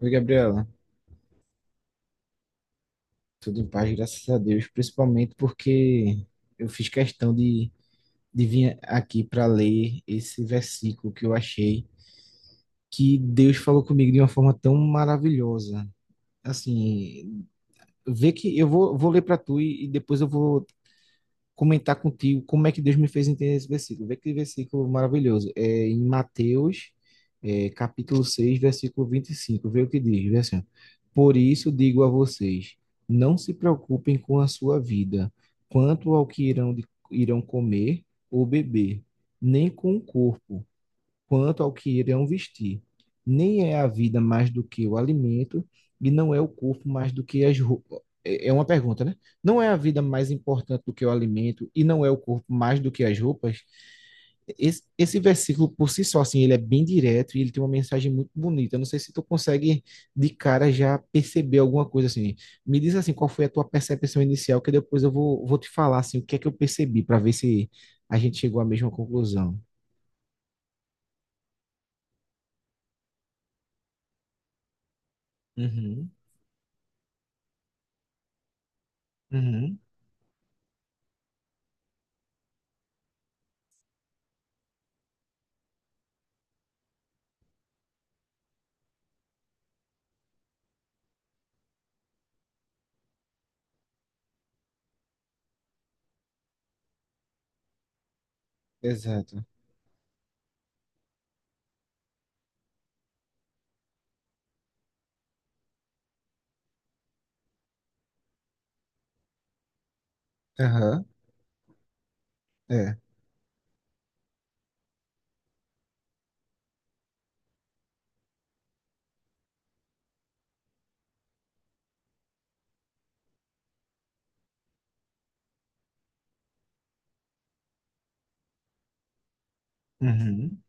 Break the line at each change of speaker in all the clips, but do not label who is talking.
Oi, Gabriela. Tudo em paz, graças a Deus, principalmente porque eu fiz questão de vir aqui para ler esse versículo que eu achei que Deus falou comigo de uma forma tão maravilhosa. Assim, vê que eu vou ler para tu e depois eu vou comentar contigo como é que Deus me fez entender esse versículo. Vê que versículo maravilhoso. É em Mateus, capítulo 6 versículo 25. Vê o que diz, vê assim, ó. Por isso digo a vocês, não se preocupem com a sua vida, quanto ao que irão, irão comer ou beber, nem com o corpo, quanto ao que irão vestir. Nem é a vida mais do que o alimento, e não é o corpo mais do que as roupas. É uma pergunta, né? Não é a vida mais importante do que o alimento, e não é o corpo mais do que as roupas? Esse versículo, por si só, assim, ele é bem direto e ele tem uma mensagem muito bonita. Eu não sei se tu consegue, de cara, já perceber alguma coisa, assim. Me diz, assim, qual foi a tua percepção inicial, que depois eu vou te falar, assim, o que é que eu percebi, para ver se a gente chegou à mesma conclusão. Uhum, uhum. Exato. Aham, é. Uhum.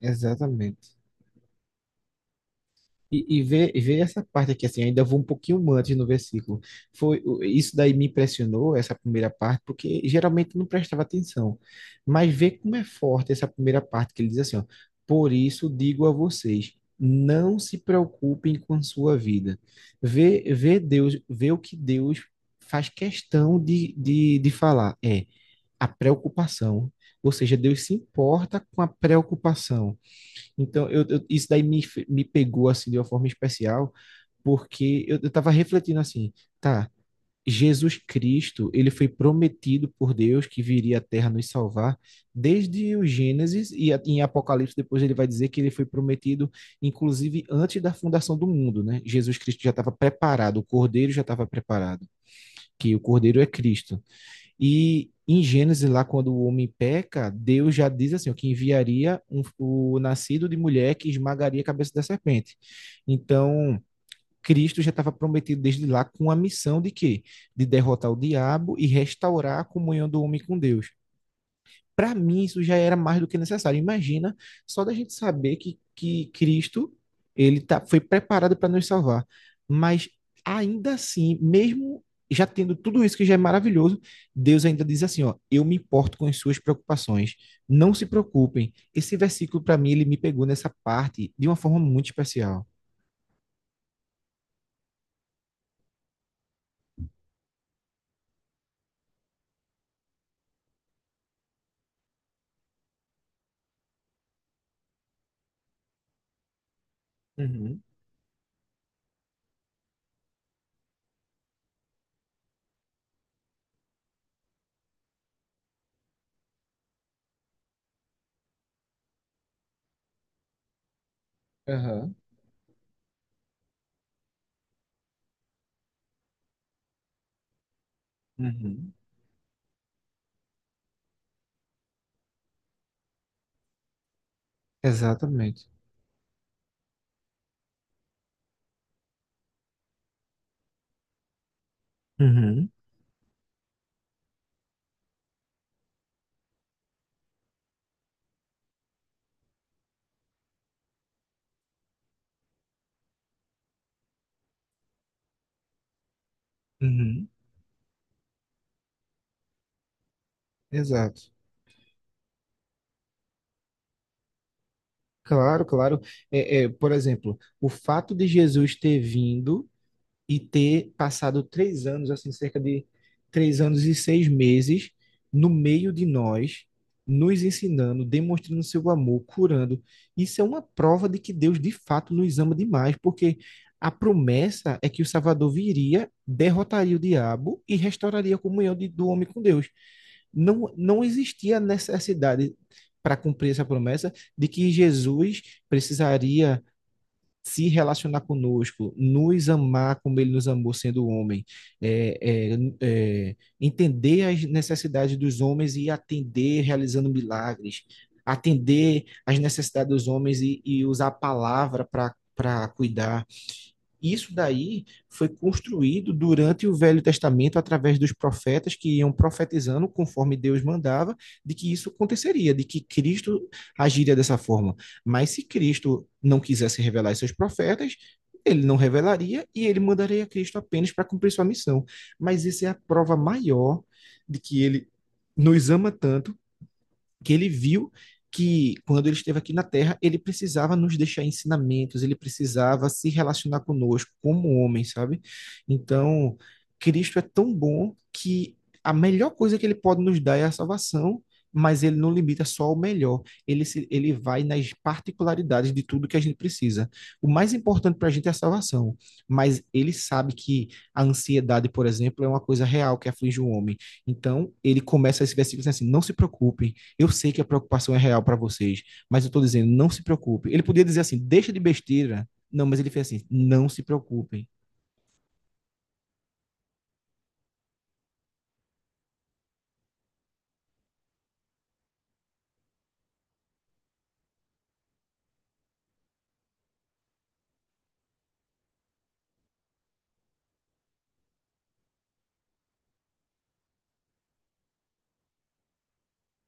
Exatamente. E ver essa parte aqui, assim, ainda vou um pouquinho antes no versículo. Foi, isso daí me impressionou, essa primeira parte, porque geralmente eu não prestava atenção. Mas ver como é forte essa primeira parte, que ele diz assim, ó, por isso digo a vocês, não se preocupem com a sua vida. Ver Deus, ver o que Deus faz questão de falar. É, a preocupação. Ou seja, Deus se importa com a preocupação. Então, isso daí me pegou assim de uma forma especial, porque eu estava refletindo assim, tá, Jesus Cristo, ele foi prometido por Deus que viria à Terra nos salvar desde o Gênesis em Apocalipse depois ele vai dizer que ele foi prometido inclusive antes da fundação do mundo, né? Jesus Cristo já estava preparado, o Cordeiro já estava preparado, que o Cordeiro é Cristo. E em Gênesis, lá quando o homem peca, Deus já diz assim, ó, que enviaria o nascido de mulher que esmagaria a cabeça da serpente. Então, Cristo já estava prometido desde lá com a missão de quê? De derrotar o diabo e restaurar a comunhão do homem com Deus. Para mim, isso já era mais do que necessário. Imagina só da gente saber que Cristo foi preparado para nos salvar. Mas ainda assim, mesmo já tendo tudo isso que já é maravilhoso, Deus ainda diz assim, ó, eu me importo com as suas preocupações. Não se preocupem. Esse versículo para mim ele me pegou nessa parte de uma forma muito especial. Uhum. Aham. Uhum. Exatamente. Uhum. Uhum. Exato. Claro, claro. Por exemplo, o fato de Jesus ter vindo e ter passado 3 anos, assim, cerca de 3 anos e 6 meses no meio de nós, nos ensinando, demonstrando seu amor, curando. Isso é uma prova de que Deus de fato nos ama demais, porque a promessa é que o Salvador viria, derrotaria o diabo e restauraria a comunhão do homem com Deus. Não, não existia necessidade para cumprir essa promessa de que Jesus precisaria se relacionar conosco, nos amar como ele nos amou sendo homem, é, entender as necessidades dos homens e atender realizando milagres, atender as necessidades dos homens e usar a palavra para cuidar, isso daí foi construído durante o Velho Testamento através dos profetas que iam profetizando conforme Deus mandava de que isso aconteceria, de que Cristo agiria dessa forma. Mas se Cristo não quisesse revelar aos seus profetas, ele não revelaria e ele mandaria Cristo apenas para cumprir sua missão. Mas isso é a prova maior de que ele nos ama tanto que ele viu que quando ele esteve aqui na Terra, ele precisava nos deixar ensinamentos, ele precisava se relacionar conosco como homem, sabe? Então, Cristo é tão bom que a melhor coisa que ele pode nos dar é a salvação, mas ele não limita só ao melhor. Ele, se, ele vai nas particularidades de tudo que a gente precisa. O mais importante para a gente é a salvação, mas ele sabe que a ansiedade, por exemplo, é uma coisa real que aflige o homem. Então, ele começa esse versículo dizendo assim: não se preocupem, eu sei que a preocupação é real para vocês, mas eu estou dizendo, não se preocupe. Ele podia dizer assim, deixa de besteira. Não, mas ele fez assim, não se preocupem.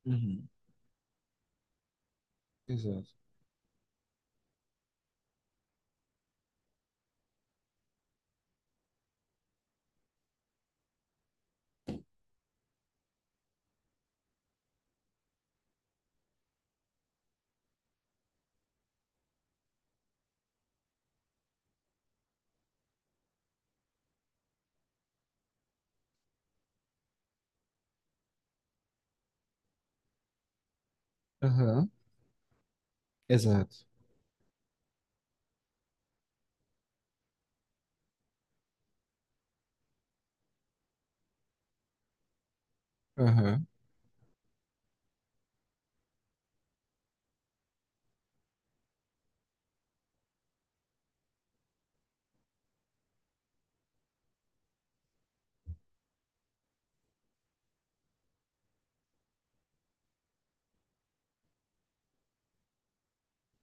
Uhum. Exato. Aham. Exato. Aham.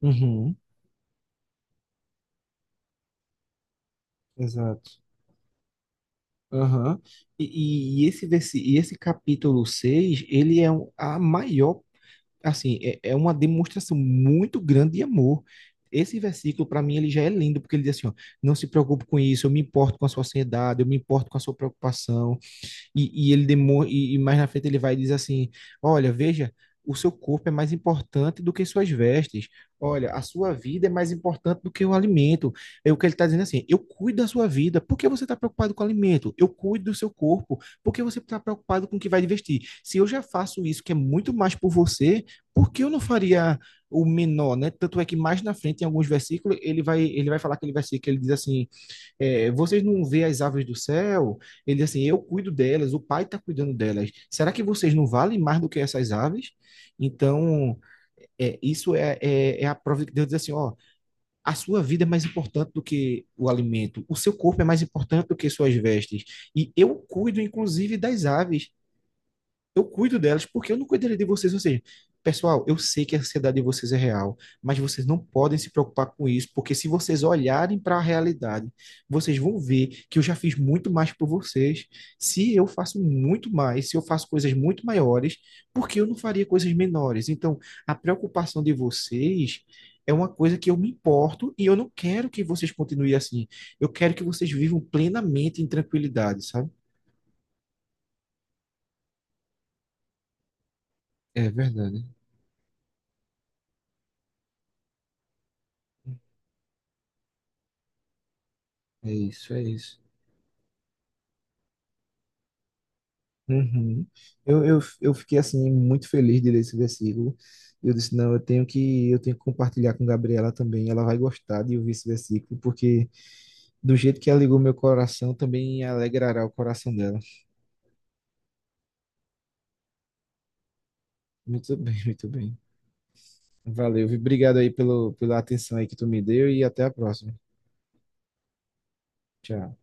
Uhum. Exato. Aham. E, e esse capítulo 6, ele é a maior, assim, é uma demonstração muito grande de amor. Esse versículo, para mim, ele já é lindo, porque ele diz assim, ó, não se preocupe com isso, eu me importo com a sua ansiedade, eu me importo com a sua preocupação. E mais na frente ele vai e diz assim: olha, veja, o seu corpo é mais importante do que suas vestes. Olha, a sua vida é mais importante do que o alimento. É o que ele está dizendo assim: eu cuido da sua vida. Por que você está preocupado com o alimento? Eu cuido do seu corpo. Por que você está preocupado com o que vai vestir? Se eu já faço isso, que é muito mais por você, por que eu não faria o menor, né? Tanto é que mais na frente, em alguns versículos, ele vai falar aquele versículo que ele diz assim, vocês não vê as aves do céu? Ele diz assim, eu cuido delas, o pai está cuidando delas. Será que vocês não valem mais do que essas aves? Então, isso é, é a prova de que Deus diz assim, ó, a sua vida é mais importante do que o alimento, o seu corpo é mais importante do que suas vestes. E eu cuido, inclusive, das aves, eu cuido delas, porque eu não cuidaria de vocês? Ou seja, pessoal, eu sei que a ansiedade de vocês é real, mas vocês não podem se preocupar com isso, porque se vocês olharem para a realidade, vocês vão ver que eu já fiz muito mais por vocês. Se eu faço muito mais, se eu faço coisas muito maiores, por que eu não faria coisas menores? Então, a preocupação de vocês é uma coisa que eu me importo e eu não quero que vocês continuem assim. Eu quero que vocês vivam plenamente em tranquilidade, sabe? É verdade. É isso, é isso. Uhum. Eu fiquei assim muito feliz de ler esse versículo. Eu disse, não, eu tenho que compartilhar com Gabriela também. Ela vai gostar de ouvir esse versículo, porque do jeito que alegrou meu coração, também alegrará o coração dela. Muito bem, muito bem. Valeu, viu? Obrigado aí pela atenção aí que tu me deu e até a próxima. Tchau.